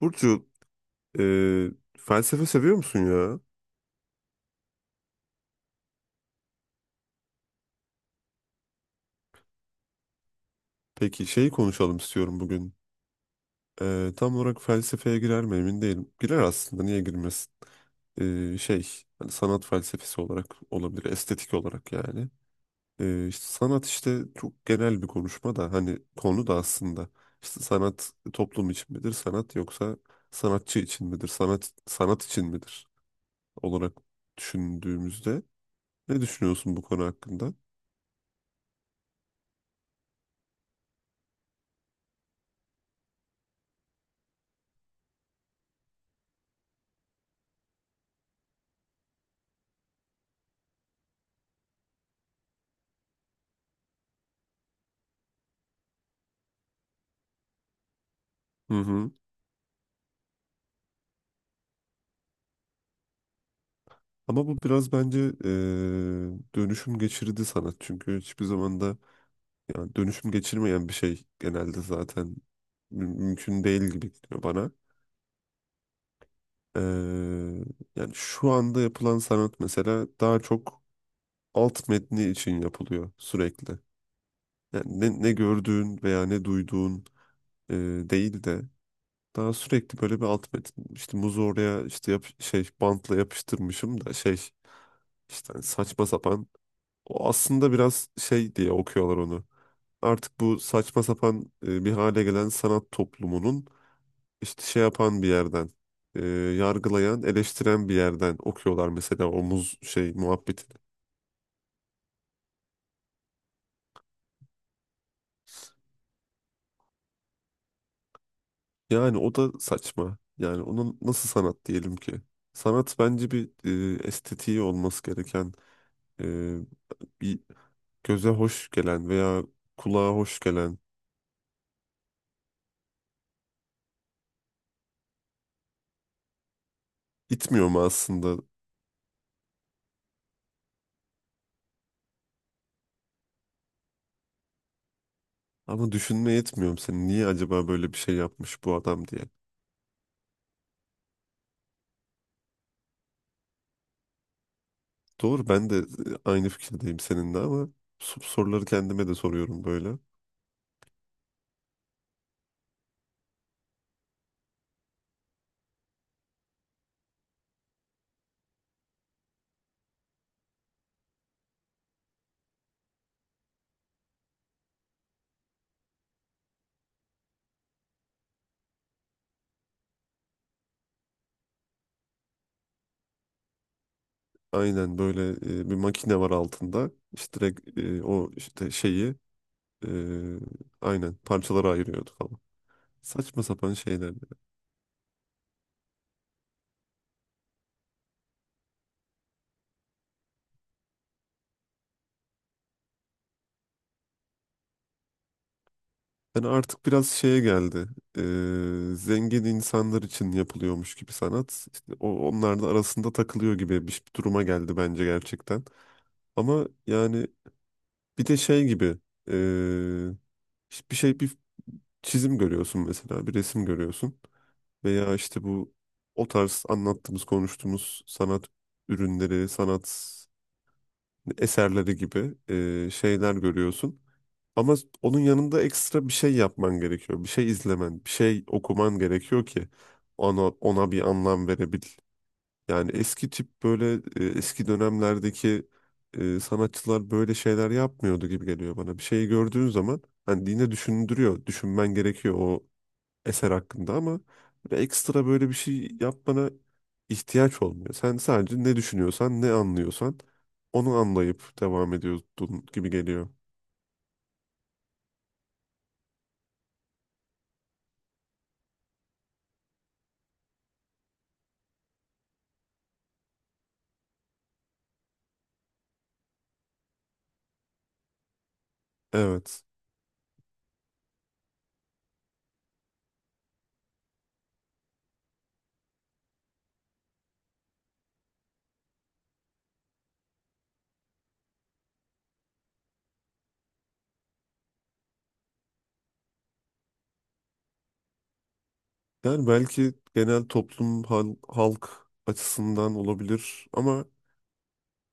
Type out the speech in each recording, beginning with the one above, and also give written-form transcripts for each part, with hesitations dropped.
Burcu, e, felsefe seviyor musun ya? Peki şeyi konuşalım istiyorum bugün. Tam olarak felsefeye girer mi emin değilim. Girer aslında, niye girmesin? E, şey, Hani sanat felsefesi olarak olabilir, estetik olarak yani. İşte sanat işte çok genel bir konuşma da hani konu da aslında. İşte sanat toplum için midir, sanat yoksa sanatçı için midir, sanat sanat için midir olarak düşündüğümüzde ne düşünüyorsun bu konu hakkında? Hı hı. Ama bu biraz bence dönüşüm geçirdi sanat. Çünkü hiçbir zaman da yani dönüşüm geçirmeyen bir şey genelde zaten mümkün değil gibi geliyor bana. E, Yani şu anda yapılan sanat mesela daha çok alt metni için yapılıyor sürekli. Yani ne gördüğün veya ne duyduğun e, değil de daha sürekli böyle bir alt metin. İşte muzu oraya işte yap, şey bantla yapıştırmışım da şey işte hani saçma sapan. O aslında biraz şey diye okuyorlar onu. Artık bu saçma sapan bir hale gelen sanat toplumunun işte şey yapan bir yerden, yargılayan, eleştiren bir yerden okuyorlar mesela o muz şey muhabbetini. Yani o da saçma. Yani onun nasıl sanat diyelim ki? Sanat bence bir estetiği olması gereken, e, bir göze hoş gelen veya kulağa hoş gelen. İtmiyor mu aslında? Ama düşünmeye yetmiyorum seni. Niye acaba böyle bir şey yapmış bu adam diye. Doğru ben de aynı fikirdeyim seninle ama soruları kendime de soruyorum böyle. Aynen böyle bir makine var altında. İşte direkt o işte şeyi e, aynen parçalara ayırıyordu falan. Saçma sapan şeyler. Yani artık biraz şeye geldi. Zengin insanlar için yapılıyormuş gibi sanat. İşte onlar da arasında takılıyor gibi bir duruma geldi bence gerçekten. Ama yani bir de şey gibi eee, işte bir çizim görüyorsun mesela bir resim görüyorsun veya işte bu o tarz anlattığımız konuştuğumuz sanat ürünleri sanat eserleri gibi şeyler görüyorsun. Ama onun yanında ekstra bir şey yapman gerekiyor. Bir şey izlemen, bir şey okuman gerekiyor ki ona bir anlam verebil. Yani eski tip böyle eski dönemlerdeki sanatçılar böyle şeyler yapmıyordu gibi geliyor bana. Bir şeyi gördüğün zaman hani yine düşündürüyor, düşünmen gerekiyor o eser hakkında ama böyle ekstra böyle bir şey yapmana ihtiyaç olmuyor. Sen sadece ne düşünüyorsan, ne anlıyorsan onu anlayıp devam ediyordun gibi geliyor. Evet. Yani belki genel toplum halk açısından olabilir ama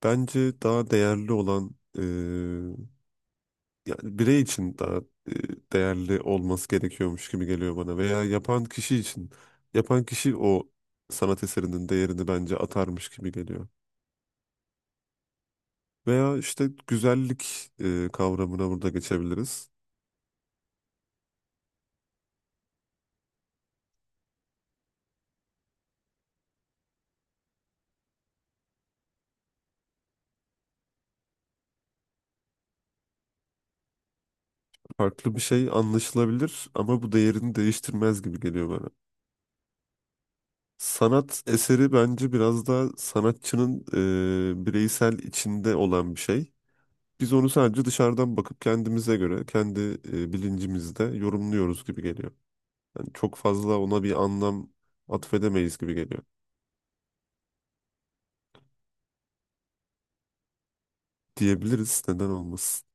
bence daha değerli olan yani birey için daha e, değerli olması gerekiyormuş gibi geliyor bana veya yapan kişi için yapan kişi o sanat eserinin değerini bence atarmış gibi geliyor. Veya işte güzellik kavramına burada geçebiliriz. Farklı bir şey anlaşılabilir ama bu değerini değiştirmez gibi geliyor bana. Sanat eseri bence biraz daha sanatçının bireysel içinde olan bir şey. Biz onu sadece dışarıdan bakıp kendimize göre, kendi bilincimizde yorumluyoruz gibi geliyor. Yani çok fazla ona bir anlam atfedemeyiz gibi geliyor. Diyebiliriz, neden olmasın.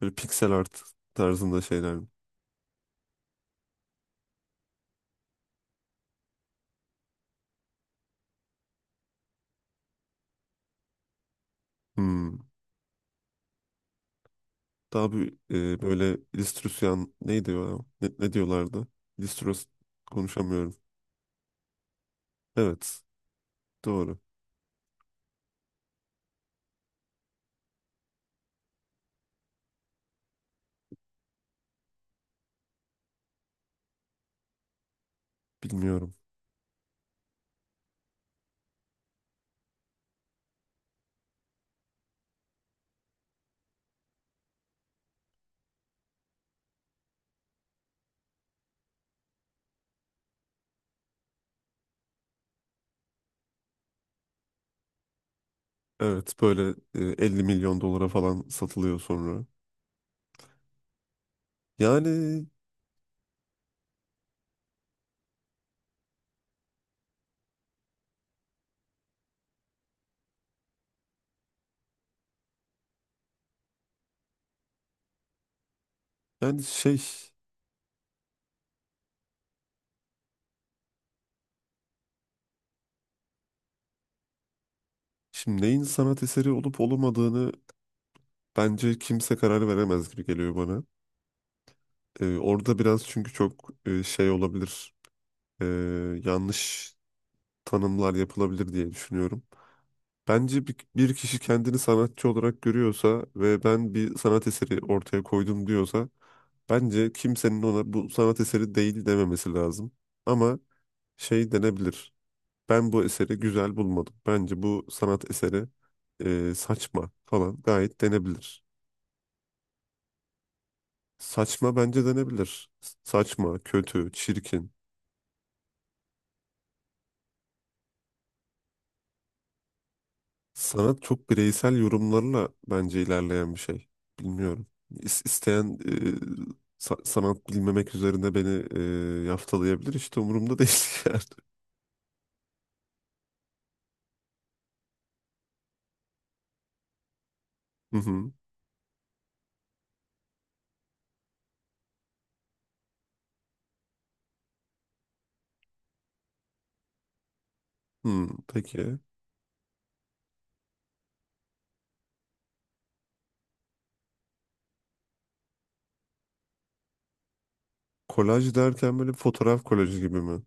Böyle piksel art tarzında şeyler mi? Hmm. Daha bir böyle illüstrasyon neydi o? Ne diyorlardı? İllüstros Konuşamıyorum. Evet, doğru. Bilmiyorum. Evet, böyle 50 milyon dolara falan satılıyor sonra. Yani yani şimdi neyin sanat eseri olup olmadığını bence kimse karar veremez gibi geliyor bana. Orada biraz çünkü çok şey olabilir, e, yanlış tanımlar yapılabilir diye düşünüyorum. Bence bir kişi kendini sanatçı olarak görüyorsa ve ben bir sanat eseri ortaya koydum diyorsa, bence kimsenin ona bu sanat eseri değil dememesi lazım. Ama şey denebilir, ben bu eseri güzel bulmadım. Bence bu sanat eseri saçma falan gayet denebilir. Saçma bence denebilir. Saçma, kötü, çirkin. Sanat çok bireysel yorumlarla bence ilerleyen bir şey. Bilmiyorum. İsteyen sanat bilmemek üzerine beni yaftalayabilir. İşte umurumda değil yani. Hı hı. Hmm, peki. Kolaj derken böyle fotoğraf kolajı gibi mi?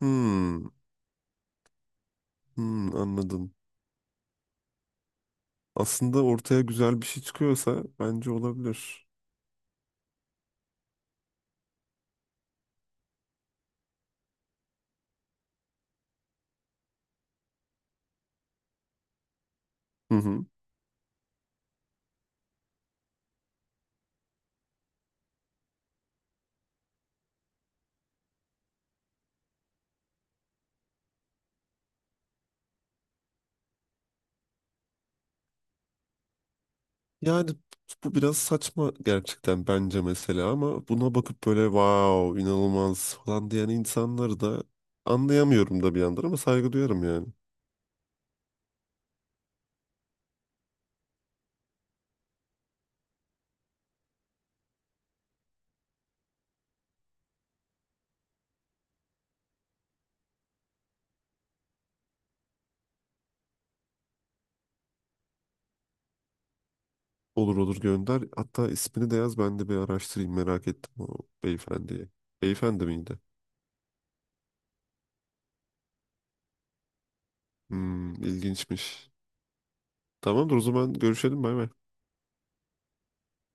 Hmm, hmm, anladım. Aslında ortaya güzel bir şey çıkıyorsa bence olabilir. Hı hı. Yani bu biraz saçma gerçekten bence mesela ama buna bakıp böyle wow inanılmaz falan diyen insanları da anlayamıyorum da bir yandan ama saygı duyarım yani. Olur, olur, gönder. Hatta ismini de yaz, ben de bir araştırayım, merak ettim o beyefendiyi. Beyefendi miydi? Hmm, ilginçmiş. Tamamdır, o zaman görüşelim, bay bay.